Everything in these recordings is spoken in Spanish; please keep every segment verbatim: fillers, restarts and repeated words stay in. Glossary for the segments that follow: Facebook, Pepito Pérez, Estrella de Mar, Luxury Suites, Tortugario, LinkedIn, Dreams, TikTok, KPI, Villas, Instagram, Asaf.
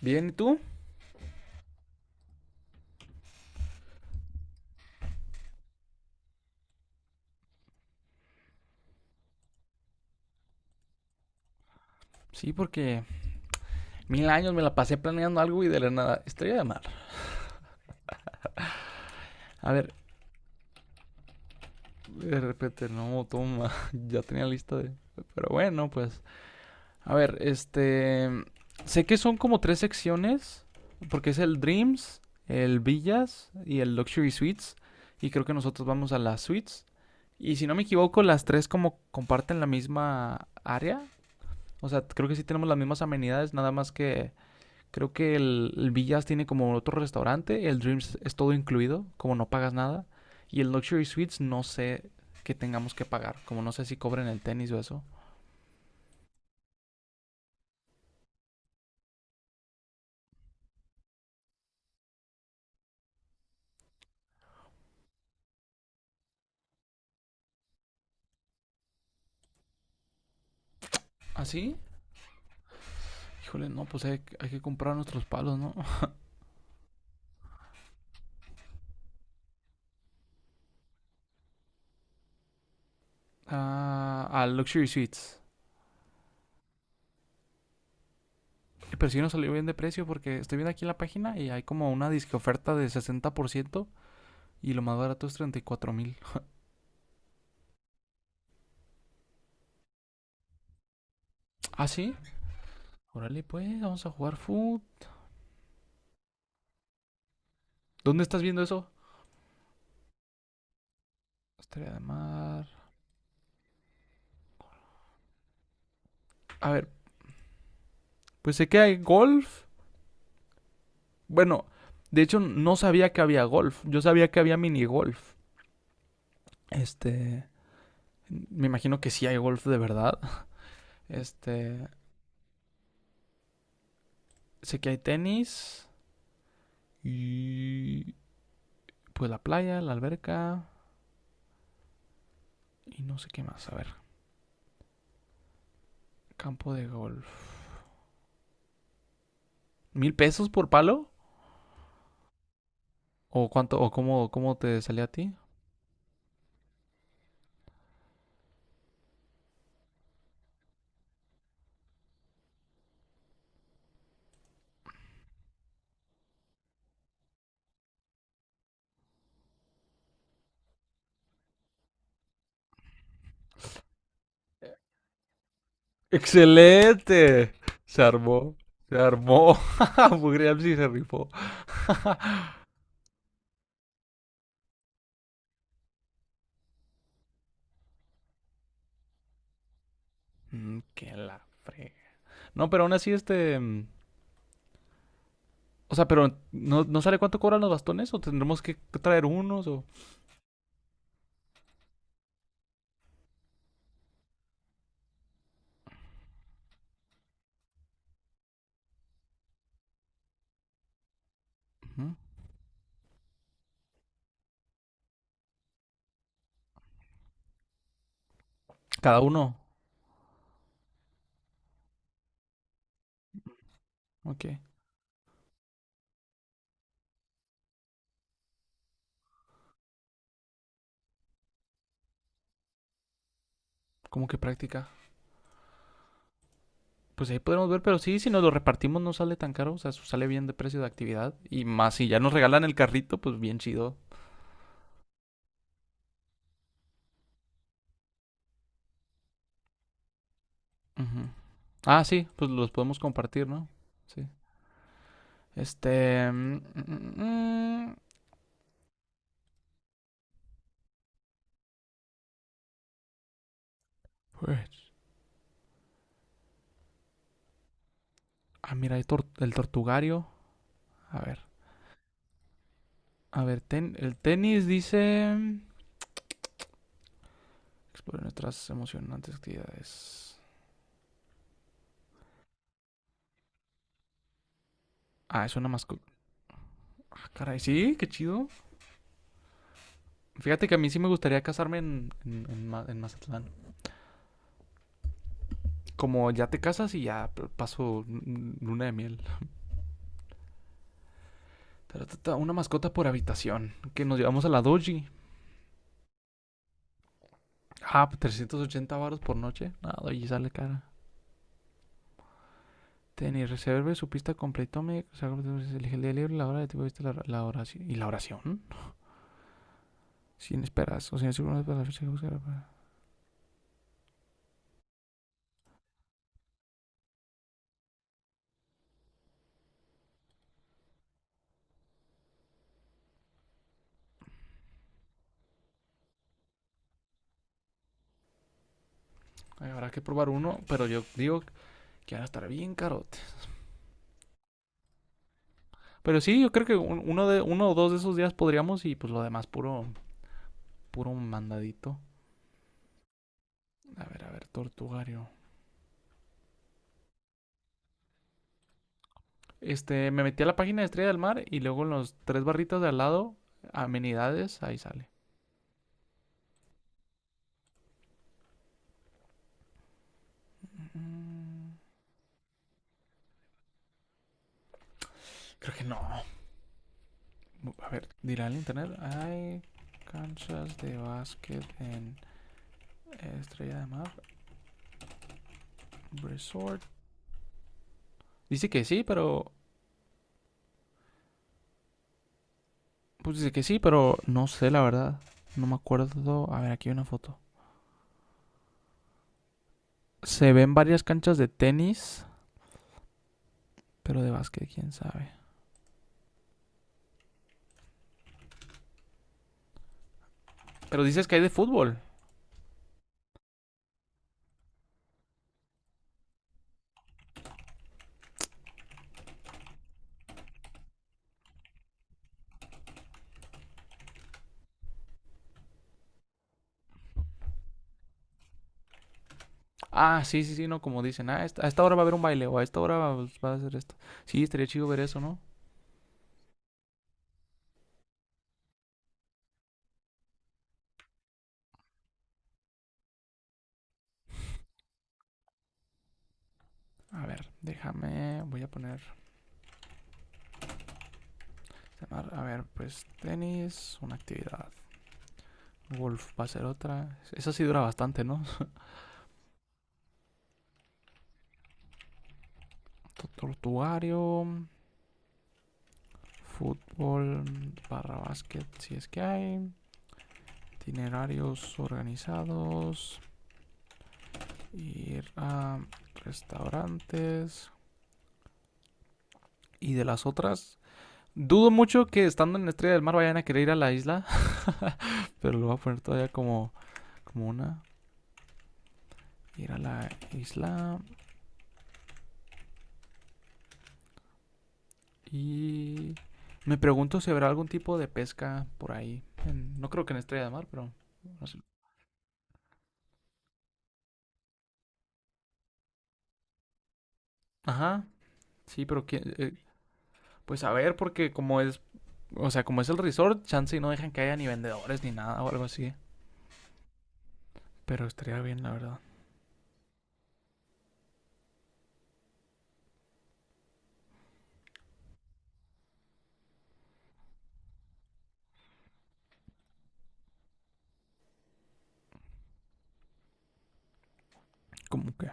Bien, ¿y tú? Sí, porque mil años me la pasé planeando algo y de la nada. Estrella de mar. A ver, de repente, no, toma. Ya tenía lista de. Pero bueno, pues. A ver, este. Sé que son como tres secciones. Porque es el Dreams, el Villas y el Luxury Suites. Y creo que nosotros vamos a las Suites. Y si no me equivoco, las tres como comparten la misma área. O sea, creo que sí tenemos las mismas amenidades, nada más que creo que el, el Villas tiene como otro restaurante, el Dreams es todo incluido, como no pagas nada. Y el Luxury Suites no sé qué tengamos que pagar, como no sé si cobren el tenis o eso. ¿Así? ¿Ah, sí? Híjole, no, pues hay, hay que comprar nuestros palos, ¿no? Ah, al Luxury Suites. Pero sí nos salió bien de precio porque estoy viendo aquí en la página y hay como una disque oferta de sesenta por ciento y lo más barato es treinta y cuatro mil. ¿Ah, sí? Órale, pues, vamos a jugar food. ¿Dónde estás viendo eso? Estrella de mar. A ver, pues sé que hay golf. Bueno, de hecho no sabía que había golf. Yo sabía que había mini golf. Este, Me imagino que sí hay golf de verdad. Este, Sé que hay tenis y pues la playa, la alberca y no sé qué más. A ver, campo de golf. ¿Mil pesos por palo? ¿O cuánto? ¿O cómo, cómo te salía a ti? ¡Excelente! Se armó. Se armó. Bugreal sí se rifó. Mm, Qué la fre... No, pero aún así, este. mm, o sea, pero ¿no, no sale cuánto cobran los bastones? ¿O tendremos que traer unos? O... Ujú. Cada uno. Ok. Como que práctica. Pues ahí podremos ver, pero sí, si nos lo repartimos no sale tan caro. O sea, eso sale bien de precio de actividad. Y más, si ya nos regalan el carrito, pues bien chido. Ujú. Ah, sí, pues los podemos compartir, ¿no? Sí. Este... mm, mm, mm, pues, ah, mira, hay tor- el tortugario. A ver. A ver, ten- el tenis dice... Explore nuestras emocionantes actividades. Ah, es una mascota. Ah, caray, sí, qué chido. Fíjate que a mí sí me gustaría casarme en, en, en Ma- en Mazatlán. Como ya te casas y ya p- paso mm, luna de miel. Ta, ta, ta, Una mascota por habitación. Que nos llevamos a la doji. Ah, pues, trescientos ochenta varos por noche. No, doji sale cara. Tenis, reserve su pista completo. Me, o sea, elige el día libre, la hora de tipo, viste la, la oración. ¿Y la oración? Sin esperas. O sea, si uno no es para la fecha que buscar. para- Ay, habrá que probar uno, pero yo digo que van a estar bien carotes. Pero sí, yo creo que uno, de, uno o dos de esos días podríamos y pues lo demás puro, puro mandadito. A ver, a ver, Tortugario. Este, me metí a la página de Estrella del Mar y luego en los tres barritas de al lado, amenidades, ahí sale. Mm, Creo que no. A ver, dirá el internet. Hay canchas de básquet en Estrella del Mar Resort. Dice que sí, pero... Pues dice que sí, pero no sé la verdad. No me acuerdo. A ver, aquí hay una foto. Se ven varias canchas de tenis. Pero de básquet, quién sabe. Pero dices que hay de fútbol. Ah, sí, sí, sí, no, como dicen. Ah, esta- a esta hora va a haber un baile o a esta hora va, va a hacer esto. Sí, estaría chido ver eso, ¿no? A ver, déjame, voy a poner, a ver, pues tenis, una actividad. Golf va a ser otra. Esa sí dura bastante, ¿no? Tu- Tortuario, fútbol, barra básquet, si es que hay. Itinerarios organizados, ir a restaurantes. Y de las otras, dudo mucho que estando en Estrella del Mar vayan a querer ir a la isla, pero lo voy a poner todavía como, como una. Ir a la isla y... Me pregunto si habrá algún tipo de pesca por ahí. En- no creo que en Estrella de Mar, pero... no sé. Ajá, sí, pero ¿quién- eh, pues a ver, porque como es... O sea, como es el resort, chance y no dejan que haya ni vendedores ni nada o algo así. Pero estaría bien, la verdad. Como que...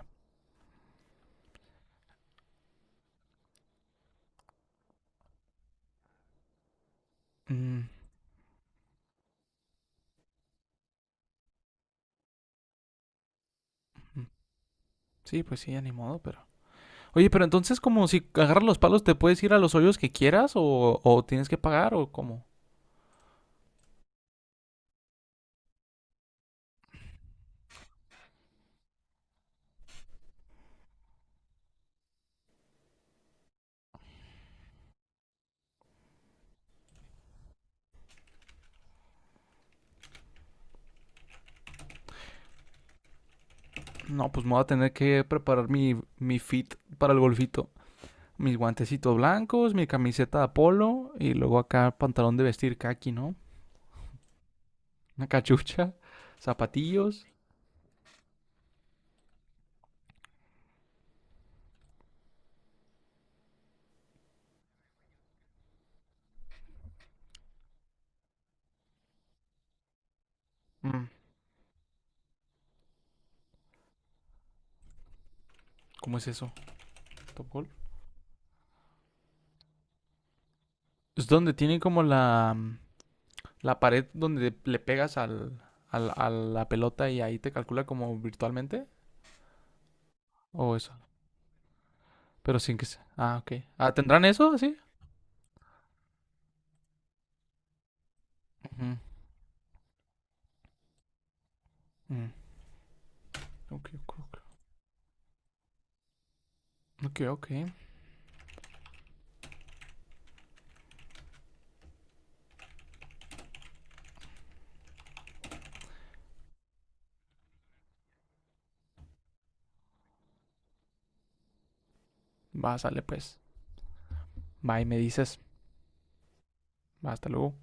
mm, mm. Sí, pues sí, ya ni modo, pero... Oye, pero entonces como si agarras los palos te puedes ir a los hoyos que quieras o, o tienes que pagar o cómo. No, pues me voy a tener que preparar mi, mi fit para el golfito. Mis guantecitos blancos, mi camiseta de polo y luego acá pantalón de vestir kaki, ¿no? Una cachucha, zapatillos. Mm, ¿Cómo es eso? ¿Top golf? Es donde tiene como la, la pared donde le pegas al, al- a la pelota y ahí te calcula como virtualmente. O eso. Pero sin que sea. Ah, ok. Ah, ¿tendrán eso? ¿Así? Ujú, ujú. Ok, ok, ok. Ok, ok. Va, sale pues. Va y me dices. Va, hasta luego.